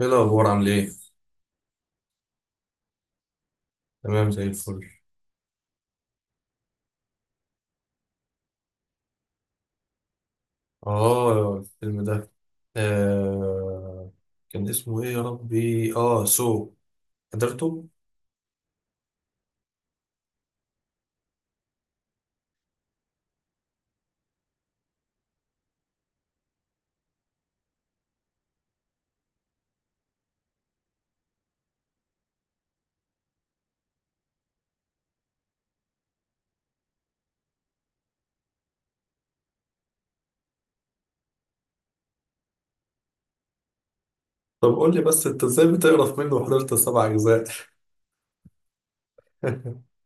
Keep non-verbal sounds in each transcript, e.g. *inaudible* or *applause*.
ايه الاخبار عامل ايه؟ تمام زي الفل. اه الفيلم ده آه كان اسمه ايه يا ربي سو حضرته. طب قول لي بس انت ازاي بتقرف منه وحضرت سبع اجزاء؟ *laughs*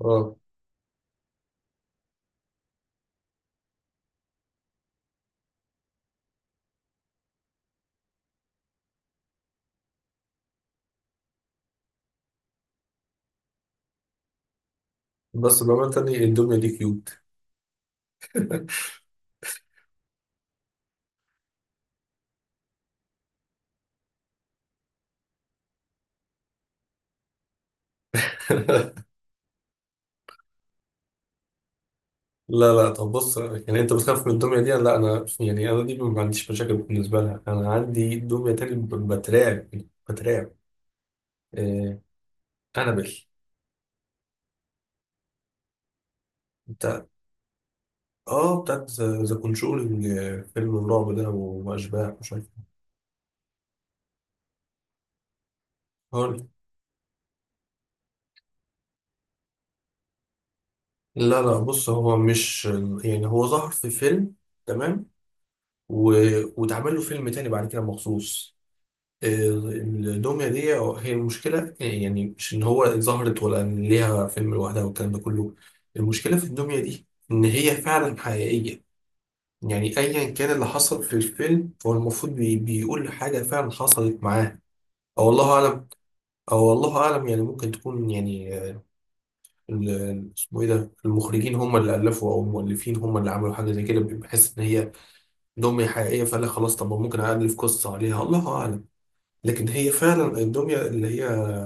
اه بس بأمانة تاني الدمية دي كيوت. *laughs* لا طب بص، يعني انت بتخاف من الدمية دي؟ لا انا يعني انا دي ما عنديش مشاكل بالنسبة لها. انا عندي دمية تاني بترعب، بترعب. آه انابل. انت اه بتاعت ذا كونجورينج، فيلم الرعب ده واشباح مش عارف هاري. لا بص، هو مش، يعني هو ظهر في فيلم، تمام، و... واتعمل له فيلم تاني بعد كده مخصوص. الدمية دي هي المشكلة. يعني مش إن هو ظهرت ولا إن ليها فيلم لوحدها والكلام ده كله، المشكلة في الدمية دي إن هي فعلا حقيقية. يعني أيا كان اللي حصل في الفيلم هو المفروض بيقول حاجة فعلا حصلت معاه، أو والله أعلم. او والله اعلم، يعني ممكن تكون يعني اسمه ايه ده، المخرجين هم اللي الفوا او المؤلفين هم اللي عملوا حاجه زي كده، بحس ان هي دميه حقيقيه فقال لك خلاص، طب ما ممكن الف قصه عليها، الله اعلم. لكن هي فعلا الدميه اللي هي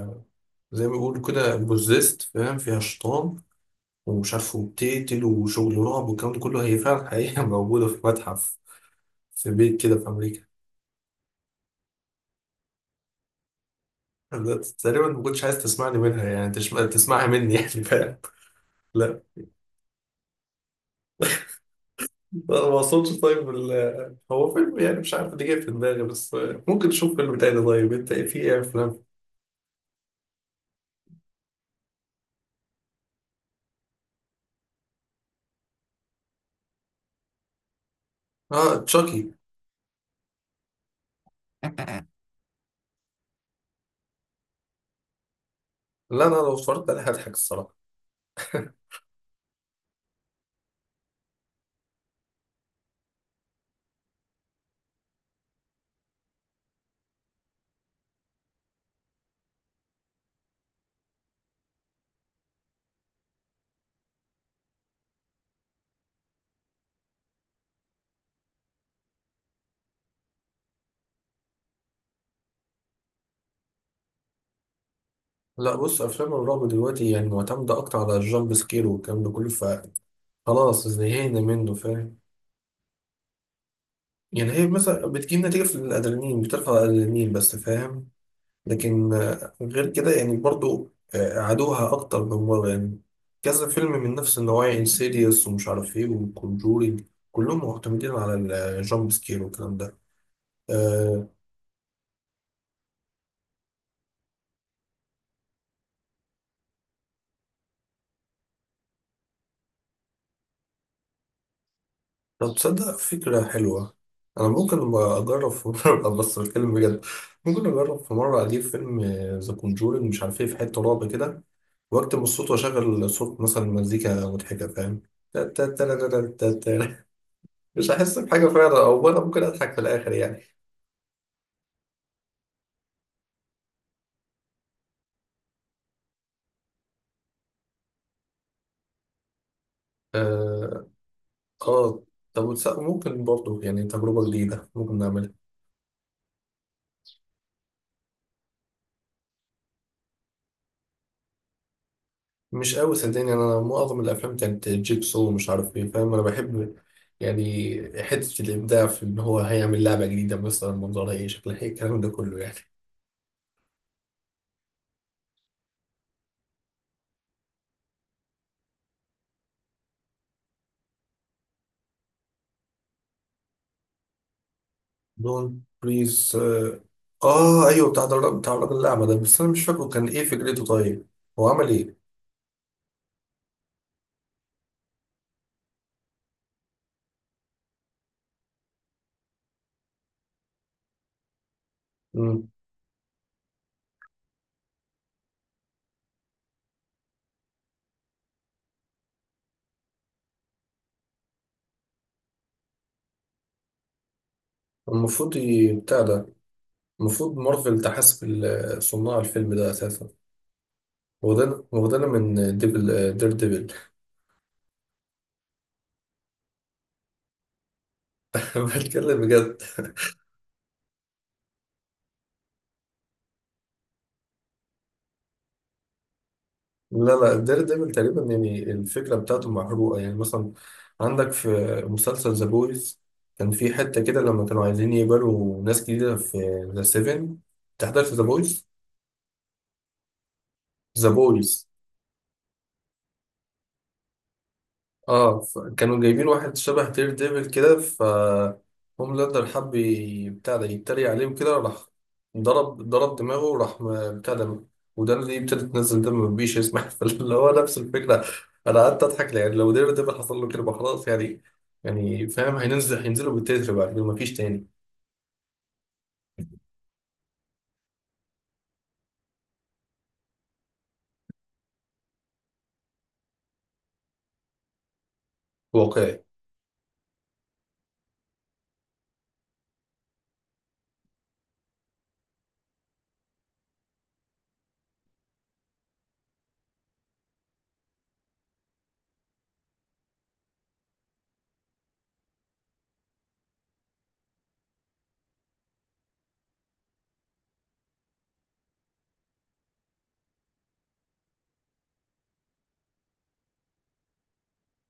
زي ما بيقولوا كده بوزيست، فاهم، فيها شيطان ومش عارف وبتقتل وشغل رعب والكلام ده كله. هي فعلا حقيقه *laughs* موجوده في متحف في بيت كده في امريكا. أنا تقريبا ما كنتش عايز تسمعني منها، يعني تسمعها مني يعني، فاهم. لا ما اقصدش، طيب هو فيلم يعني مش عارف اللي جاي في دماغي، بس ممكن تشوف فيلم تاني. طيب انت في ايه افلام؟ اه تشاكي. لا انا لو اتفرجت عليه هضحك الصراحه. لا بص، افلام الرعب دلوقتي يعني معتمده اكتر على الجامب سكير والكلام ده كله، فخلاص زهقنا منه فاهم. يعني هي مثلا بتجيب نتيجه في الادرينالين، بترفع الادرينالين بس فاهم. لكن غير كده يعني برضو عادوها أكتر من مرة يعني. كذا فيلم من نفس النوعية، انسيديوس ومش عارف إيه وكونجورينج، كلهم معتمدين على الجامب سكير والكلام ده. آه، طب تصدق فكرة حلوة؟ أنا ممكن أبقى أجرب في *laughs* مرة، بس الفيلم بجد. ممكن أجرب في مرة أجيب فيلم ذا كونجورينج مش عارف إيه، في حتة رعب كده وأكتب الصوت وأشغل صوت مثلا مزيكا مضحكة، فاهم، *laughs* تا. مش هحس بحاجة فعلا، أو أنا ممكن أضحك في الآخر يعني. اه آه، طب ممكن برضو يعني تجربة جديدة ممكن نعملها. مش قوي صدقني، انا معظم الافلام كانت جيبسو ومش عارف ايه، فاهم. انا بحب يعني حتة الابداع في ان هو هيعمل لعبة جديدة مثلا، منظرها ايه، شكلها ايه، الكلام ده كله يعني. دون بريز اه. ايوه بتاع الراجل، بتاع الراجل الاعمى ده، بس انا مش فاكره كان ايه فكرته. طيب هو عمل ايه؟ مم. المفروض بتاع ده، المفروض مارفل تحاسب صناع الفيلم ده اساسا. واخدنا من ديفل، دير ديفل. *laughs* بتكلم بجد. لا دير ديفل تقريبا يعني الفكرة بتاعته محروقة، يعني مثلا عندك في مسلسل ذا بويز كان في حتة كده لما كانوا عايزين يقبلوا ناس جديدة في ذا سيفن. تحضرت ذا بويز؟ ذا بويز اه. كانوا جايبين واحد شبه دير ديفل كده، ف هوم لاندر حب بتاع ده يتريق عليهم، كده راح ضرب دماغه وراح بتاع ده ودان اللي ابتدت تنزل دم مفيش يسمح، *laughs* فاللي هو نفس الفكرة. أنا قعدت أضحك، يعني لو دير ديفل حصل له كده يبقى خلاص يعني. يعني فاهم، هينزلوا بالتتر بعد كده مفيش تاني. واقعي.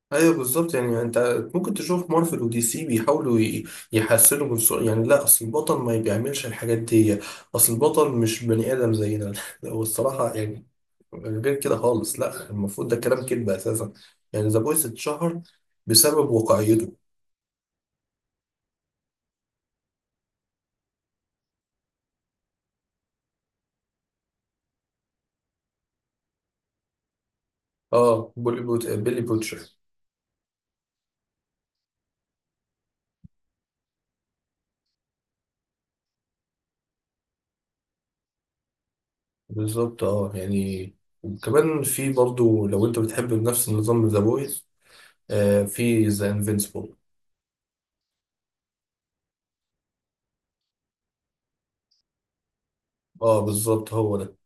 ايوه بالظبط، يعني انت ممكن تشوف مارفل ودي سي بيحاولوا يحسنوا من سوء، يعني لا اصل البطل ما بيعملش الحاجات دي، اصل البطل مش بني ادم زينا. *laughs* لا، هو الصراحه يعني غير كده خالص، لا المفروض ده كلام كذب اساسا. يعني ذا بويس اتشهر بسبب واقعيته. اه بولي بوت، بيلي بوتشر. بالظبط اه يعني. وكمان في برضو لو انت بتحب نفس النظام ذا بويس، في ذا انفينسيبل. اه بالظبط هو ده.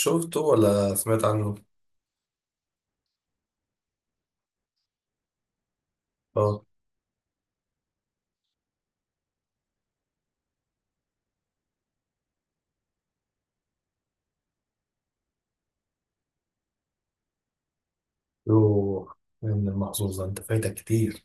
شفته ولا سمعت عنه؟ اه. يوه، يا ابن المحظوظ ده، انت فايتك كتير.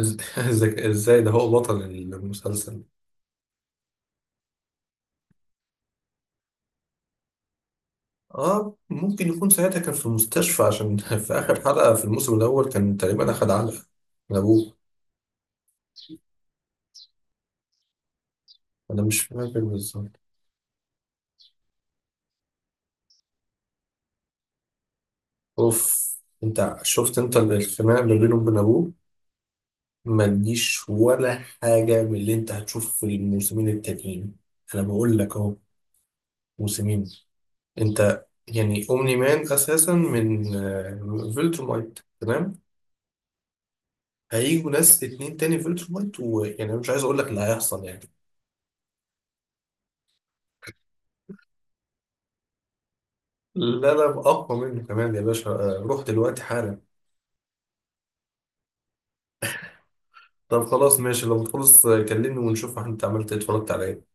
*laughs* إزاي ده هو بطل المسلسل. اه ممكن يكون ساعتها كان في المستشفى، عشان *laughs* في آخر حلقة في الموسم الأول كان تقريبا أخد علقة من أبوه. أنا مش فاكر بالظبط. أوف. أنت شفت أنت الخناقة اللي بينه وبين أبوه، ما تجيش ولا حاجة من اللي أنت هتشوفه في الموسمين التانيين. أنا بقول لك أهو. موسمين. أنت يعني أومني مان أساسا من فيلتر مايت تمام؟ هيجوا ناس اتنين تاني في التر وايت، ويعني أنا مش عايز اقول لك اللي هيحصل يعني. لا اقوى منه كمان يا باشا، روح دلوقتي حالا. طب خلاص ماشي، لو تخلص كلمني ونشوف انت عملت ايه اتفرجت على ايه.